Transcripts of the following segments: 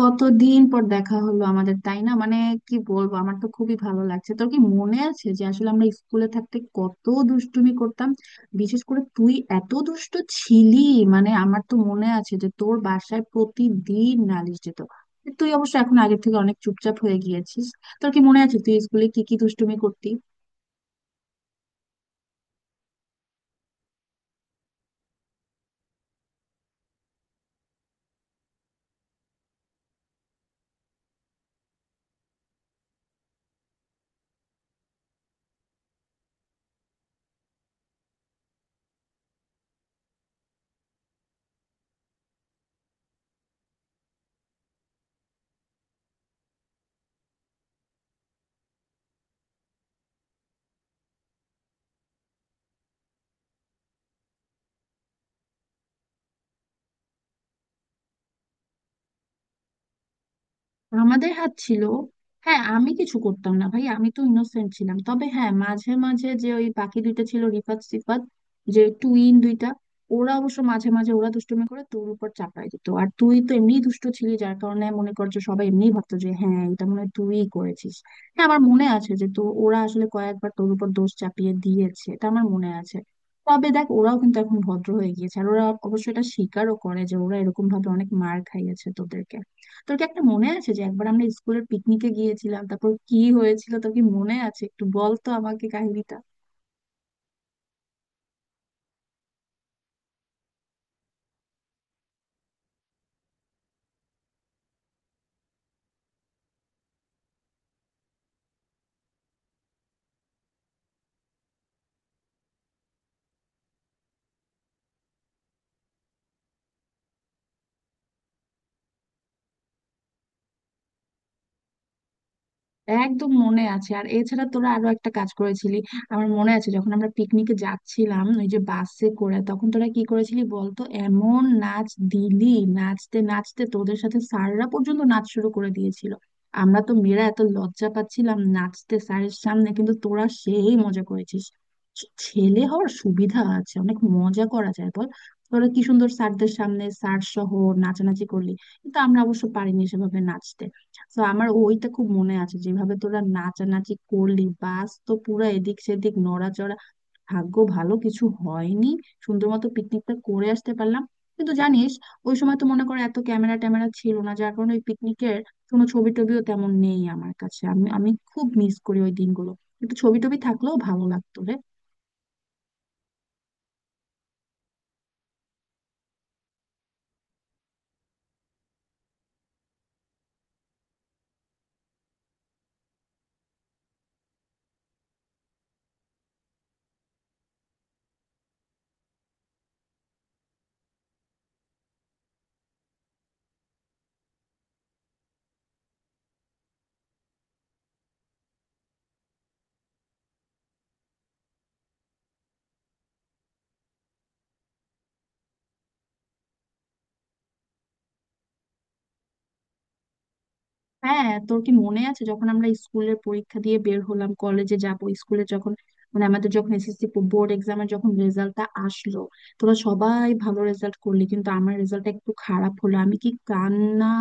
কতদিন পর দেখা হলো আমাদের, তাই না? মানে কি বলবো, আমার তো খুবই ভালো লাগছে। তোর কি মনে আছে যে আসলে আমরা স্কুলে থাকতে কত দুষ্টুমি করতাম? বিশেষ করে তুই এত দুষ্ট ছিলি। মানে আমার তো মনে আছে যে তোর বাসায় প্রতিদিন নালিশ যেত। তুই অবশ্য এখন আগের থেকে অনেক চুপচাপ হয়ে গিয়েছিস। তোর কি মনে আছে তুই স্কুলে কি কি দুষ্টুমি করতি? আমাদের হাত ছিল। হ্যাঁ, আমি কিছু করতাম না ভাই, আমি তো ইনোসেন্ট ছিলাম। তবে হ্যাঁ, মাঝে মাঝে যে ওই বাকি দুইটা ছিল, রিফাত সিফাত, যে টুইন দুইটা, ওরা অবশ্য মাঝে মাঝে ওরা দুষ্টুমি করে তোর উপর চাপায় দিত। আর তুই তো এমনি দুষ্ট ছিলি, যার কারণে মনে কর যে সবাই এমনি ভাবতো যে হ্যাঁ, এটা মনে হয় তুই করেছিস। হ্যাঁ, আমার মনে আছে যে তো ওরা আসলে কয়েকবার তোর উপর দোষ চাপিয়ে দিয়েছে, এটা আমার মনে আছে। তবে দেখ, ওরাও কিন্তু এখন ভদ্র হয়ে গিয়েছে, আর ওরা অবশ্য এটা স্বীকারও করে যে ওরা এরকম ভাবে অনেক মার খাইয়েছে তোদেরকে। তোর কি একটা মনে আছে যে একবার আমরা স্কুলের পিকনিকে গিয়েছিলাম, তারপর কি হয়েছিল? তোর কি মনে আছে? একটু বল তো আমাকে কাহিনীটা। একদম মনে আছে। আর এছাড়া তোরা আরো একটা কাজ করেছিলি, আমার মনে আছে। যখন আমরা পিকনিকে যাচ্ছিলাম ওই যে বাসে করে, তখন তোরা কি করেছিলি বলতো, এমন নাচ দিলি, নাচতে নাচতে তোদের সাথে স্যাররা পর্যন্ত নাচ শুরু করে দিয়েছিল। আমরা তো মেয়েরা এত লজ্জা পাচ্ছিলাম নাচতে স্যারের সামনে, কিন্তু তোরা সেই মজা করেছিস। ছেলে হওয়ার সুবিধা আছে, অনেক মজা করা যায়, বল। তোরা কি সুন্দর স্যারদের সামনে স্যার সহ নাচানাচি করলি, কিন্তু আমরা অবশ্য পারিনি সেভাবে নাচতে। তো আমার ওইটা খুব মনে আছে, যেভাবে তোরা নাচানাচি করলি, বাস তো পুরো এদিক সেদিক নড়াচড়া। ভাগ্য ভালো কিছু হয়নি, সুন্দর মতো পিকনিকটা করে আসতে পারলাম। কিন্তু জানিস, ওই সময় তো মনে করে এত ক্যামেরা ট্যামেরা ছিল না, যার কারণে ওই পিকনিকের কোনো ছবি টবিও তেমন নেই আমার কাছে। আমি আমি খুব মিস করি ওই দিনগুলো। একটু ছবি টবি থাকলেও ভালো লাগতো রে। হ্যাঁ, তোর কি মনে আছে যখন আমরা স্কুলের পরীক্ষা দিয়ে বের হলাম, কলেজে যাব, স্কুলে যখন, মানে আমাদের যখন এসএসসি বোর্ড এক্সামের যখন রেজাল্টটা আসলো, তোরা সবাই ভালো রেজাল্ট করলি কিন্তু আমার রেজাল্টটা একটু খারাপ হলো, আমি কি কান্না!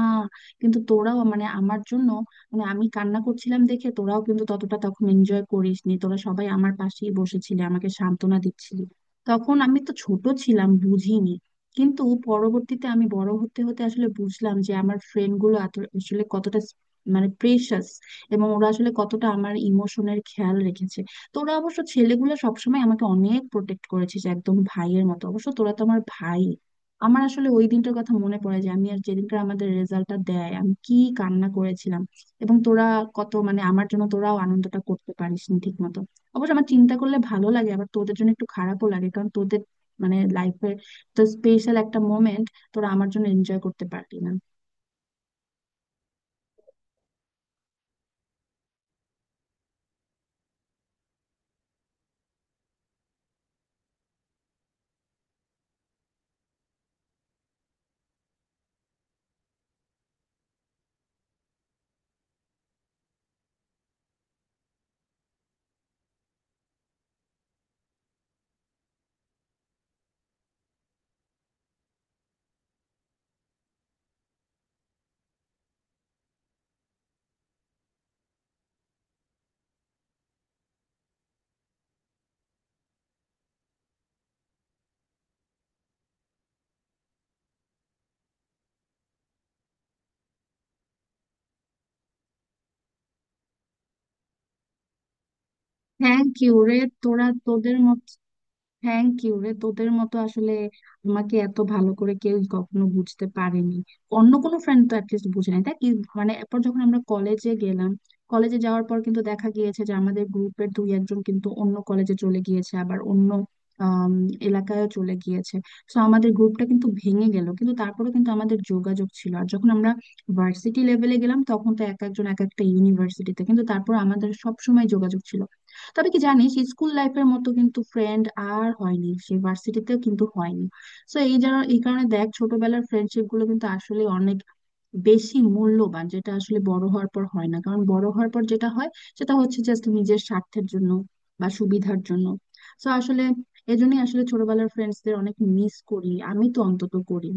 কিন্তু তোরাও মানে আমার জন্য, মানে আমি কান্না করছিলাম দেখে তোরাও কিন্তু ততটা তখন এনজয় করিসনি, তোরা সবাই আমার পাশেই বসেছিলি আমাকে সান্ত্বনা দিচ্ছিলি। তখন আমি তো ছোট ছিলাম, বুঝিনি। কিন্তু পরবর্তীতে আমি বড় হতে হতে আসলে বুঝলাম যে আমার ফ্রেন্ড গুলো আসলে কতটা মানে প্রেশাস, এবং ওরা আসলে কতটা আমার ইমোশনের খেয়াল রেখেছে। তো ওরা অবশ্য ছেলেগুলো সবসময় আমাকে অনেক প্রোটেক্ট করেছে, যে একদম ভাইয়ের মতো, অবশ্য তোরা তো আমার ভাই। আমার আসলে ওই দিনটার কথা মনে পড়ে যে আমি আর যেদিনকার আমাদের রেজাল্টটা দেয়, আমি কি কান্না করেছিলাম! এবং তোরা কত মানে আমার জন্য তোরাও আনন্দটা করতে পারিসনি ঠিক মতো। অবশ্য আমার চিন্তা করলে ভালো লাগে, আবার তোদের জন্য একটু খারাপও লাগে, কারণ তোদের মানে লাইফের তো স্পেশাল একটা মোমেন্ট তোরা আমার জন্য এনজয় করতে পারলি না। থ্যাংক ইউ রে, তোরা তোদের মতো, থ্যাংক ইউ রে, তোদের মতো আসলে আমাকে এত ভালো করে কেউ কখনো বুঝতে পারেনি। অন্য কোনো ফ্রেন্ড তো অ্যাটলিস্ট বুঝে নাই, তাই কি? মানে এরপর যখন আমরা কলেজে গেলাম, কলেজে যাওয়ার পর কিন্তু দেখা গিয়েছে যে আমাদের গ্রুপের দুই একজন কিন্তু অন্য কলেজে চলে গিয়েছে, আবার অন্য আম, এলাকায়ও চলে গিয়েছে। তো আমাদের গ্রুপটা কিন্তু ভেঙে গেল, কিন্তু তারপরেও কিন্তু আমাদের যোগাযোগ ছিল। আর যখন আমরা ভার্সিটি লেভেলে গেলাম, তখন তো এক একজন এক একটা ইউনিভার্সিটিতে, কিন্তু তারপর আমাদের সব সময় যোগাযোগ ছিল। তবে কি জানিস, স্কুল লাইফের মতো কিন্তু ফ্রেন্ড আর হয়নি, সে ভার্সিটিতেও কিন্তু হয়নি। তো এই কারণে দেখ, ছোটবেলার ফ্রেন্ডশিপ গুলো কিন্তু আসলে অনেক বেশি মূল্যবান, যেটা আসলে বড় হওয়ার পর হয় না, কারণ বড় হওয়ার পর যেটা হয় সেটা হচ্ছে জাস্ট নিজের স্বার্থের জন্য বা সুবিধার জন্য। তো আসলে এজন্যই আসলে ছোটবেলার ফ্রেন্ডসদের অনেক মিস করি, আমি তো অন্তত করি।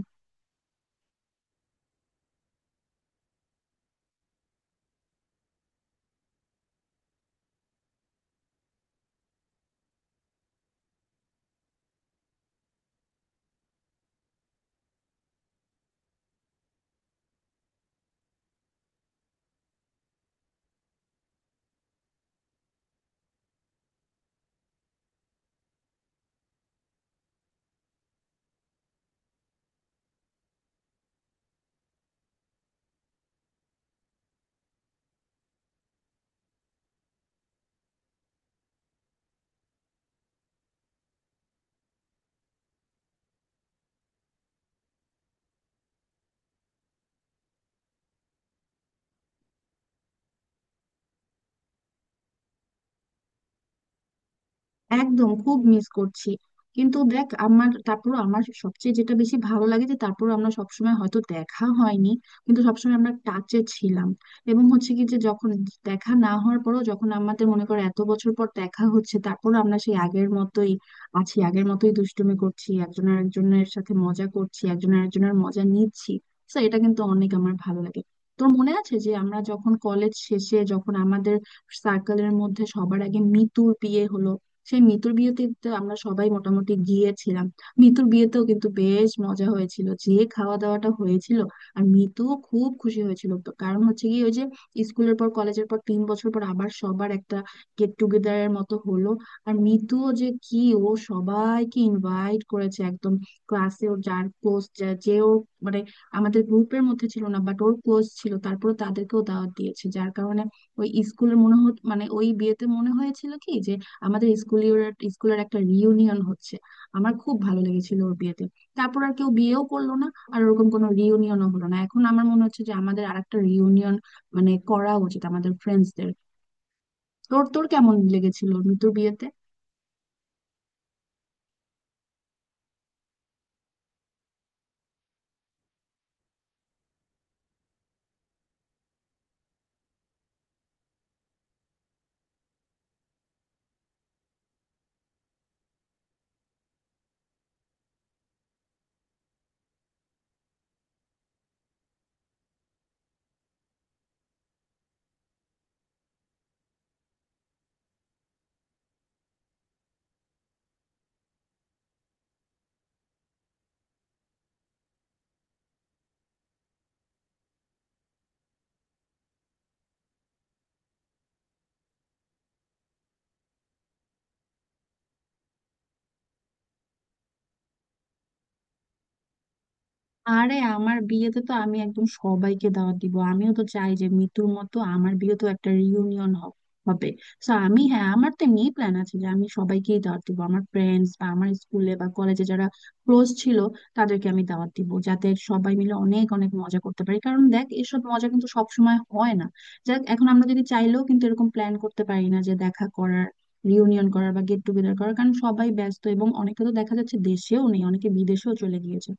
একদম, খুব মিস করছি। কিন্তু দেখ, আমার তারপর আমার সবচেয়ে যেটা বেশি ভালো লাগে যে তারপর আমরা সবসময় হয়তো দেখা হয়নি, কিন্তু সবসময় আমরা টাচে ছিলাম। এবং হচ্ছে কি যে যখন দেখা না হওয়ার পরও যখন আমাদের মনে করো এত বছর পর দেখা হচ্ছে, তারপর আমরা সেই আগের মতোই আছি, আগের মতোই দুষ্টুমি করছি একজন আরেকজনের সাথে, মজা করছি, একজন আরেকজনের মজা নিচ্ছি। তো এটা কিন্তু অনেক আমার ভালো লাগে। তোর মনে আছে যে আমরা যখন কলেজ শেষে, যখন আমাদের সার্কেলের মধ্যে সবার আগে মিতুর বিয়ে হলো, সেই মিতুর বিয়েতে তো আমরা সবাই মোটামুটি গিয়েছিলাম। মিতুর বিয়েতেও কিন্তু বেশ মজা হয়েছিল, যে খাওয়া দাওয়াটা হয়েছিল আর মিতু খুব খুশি হয়েছিল। তো কারণ হচ্ছে কি, ওই যে স্কুলের পর কলেজের পর তিন বছর পর আবার সবার একটা গেট টুগেদারের মতো হলো। আর মিতুও যে কি, ও সবাইকে ইনভাইট করেছে একদম, ক্লাসে ওর যার ক্লোজ, যে ওর মানে আমাদের গ্রুপের মধ্যে ছিল না বাট ওর ক্লোজ ছিল, তারপরে তাদেরকেও দাওয়াত দিয়েছে, যার কারণে ওই স্কুলের মানে ওই বিয়েতে মনে হয়েছিল কি যে আমাদের স্কুলের, স্কুলের একটা রিইউনিয়ন হচ্ছে। আমার খুব ভালো লেগেছিল ওর বিয়েতে। তারপর আর কেউ বিয়েও করলো না, আর ওরকম কোনো রিইউনিয়নও হলো না। এখন আমার মনে হচ্ছে যে আমাদের আরেকটা রিইউনিয়ন মানে করা উচিত, আমাদের ফ্রেন্ডসদের। তোর তোর কেমন লেগেছিল মিতুর বিয়েতে? আরে আমার বিয়েতে তো আমি একদম সবাইকে দাওয়াত দিব, আমিও তো চাই যে মিতুর মতো আমার বিয়েতেও একটা রিউনিয়ন হবে। তো আমি হ্যাঁ, আমার তো এমনি প্ল্যান আছে যে আমি সবাইকেই দাওয়াত দিব, আমার ফ্রেন্ডস বা আমার স্কুলে বা কলেজে যারা ক্লোজ ছিল তাদেরকে আমি দাওয়াত দিব, যাতে সবাই মিলে অনেক অনেক মজা করতে পারি। কারণ দেখ, এসব মজা কিন্তু সব সময় হয় না। যাক, এখন আমরা যদি চাইলেও কিন্তু এরকম প্ল্যান করতে পারি না, যে দেখা করার, রিউনিয়ন করার বা গেট টুগেদার করার, কারণ সবাই ব্যস্ত এবং অনেকে তো দেখা যাচ্ছে দেশেও নেই, অনেকে বিদেশেও চলে গিয়েছে।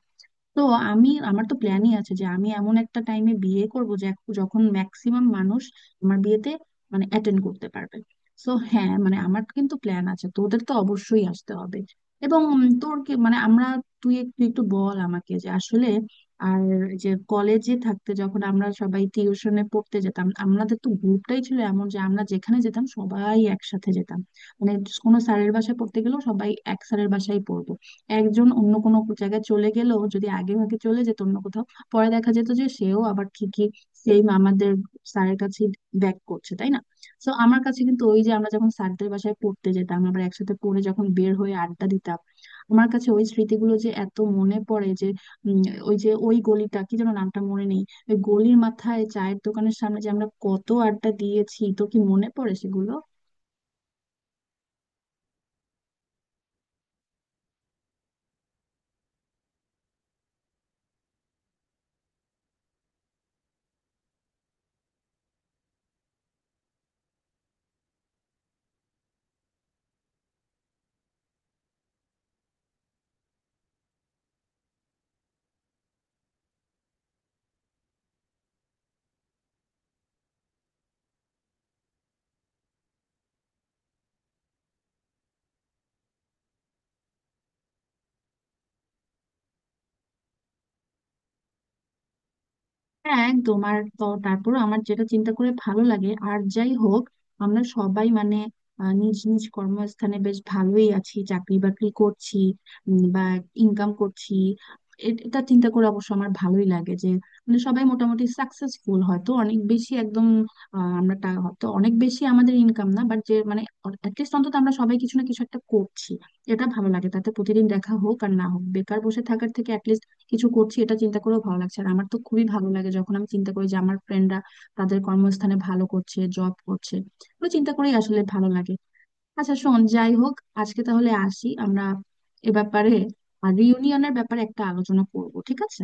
তো আমি, আমার তো প্ল্যানই আছে যে আমি এমন একটা টাইমে বিয়ে করব যে যখন ম্যাক্সিমাম মানুষ আমার বিয়েতে মানে অ্যাটেন্ড করতে পারবে। সো হ্যাঁ, মানে আমার কিন্তু প্ল্যান আছে, তোদের তো অবশ্যই আসতে হবে। এবং তোর কি মানে আমরা, তুই একটু একটু বল আমাকে যে আসলে আর যে কলেজে থাকতে যখন আমরা সবাই টিউশনে পড়তে যেতাম, আমাদের তো গ্রুপটাই ছিল এমন যে আমরা যেখানে যেতাম সবাই একসাথে যেতাম। মানে কোনো স্যারের বাসায় পড়তে গেলেও সবাই এক স্যারের বাসায় পড়বে, একজন অন্য কোনো জায়গায় চলে গেলেও, যদি আগে ভাগে চলে যেত অন্য কোথাও, পরে দেখা যেত যে সেও আবার ঠিকই সেম আমাদের স্যারের কাছে ব্যাক করছে, তাই না? তো আমার কাছে কিন্তু ওই যে আমরা যখন স্যারদের বাসায় পড়তে যেতাম, আবার একসাথে পড়ে যখন বের হয়ে আড্ডা দিতাম, আমার কাছে ওই স্মৃতিগুলো যে এত মনে পড়ে যে উম, ওই যে ওই গলিটা কি যেন, নামটা মনে নেই, ওই গলির মাথায় চায়ের দোকানের সামনে যে আমরা কত আড্ডা দিয়েছি, তো কি মনে পড়ে সেগুলো? হ্যাঁ, একদম। আর তো তারপর আমার যেটা চিন্তা করে ভালো লাগে, আর যাই হোক, আমরা সবাই মানে নিজ নিজ কর্মস্থানে বেশ ভালোই আছি, চাকরি বাকরি করছি, বা ইনকাম করছি। এটা চিন্তা করে অবশ্য আমার ভালোই লাগে যে মানে সবাই মোটামুটি সাকসেসফুল, হয়তো অনেক বেশি একদম আমরা হয়তো অনেক বেশি আমাদের ইনকাম না, বাট যে মানে অ্যাটলিস্ট অন্তত আমরা সবাই কিছু না কিছু একটা করছি, এটা ভালো লাগে। তাতে প্রতিদিন দেখা হোক আর না হোক, বেকার বসে থাকার থেকে কিছু করছি এটা চিন্তা করেও ভালো লাগছে। আর আমার তো খুবই ভালো লাগে যখন আমি চিন্তা করি যে আমার ফ্রেন্ডরা তাদের কর্মস্থানে ভালো করছে, জব করছে, এগুলো চিন্তা করেই আসলে ভালো লাগে। আচ্ছা শোন, যাই হোক, আজকে তাহলে আসি আমরা এ ব্যাপারে, আর রিউনিয়নের ব্যাপারে একটা আলোচনা করব, ঠিক আছে?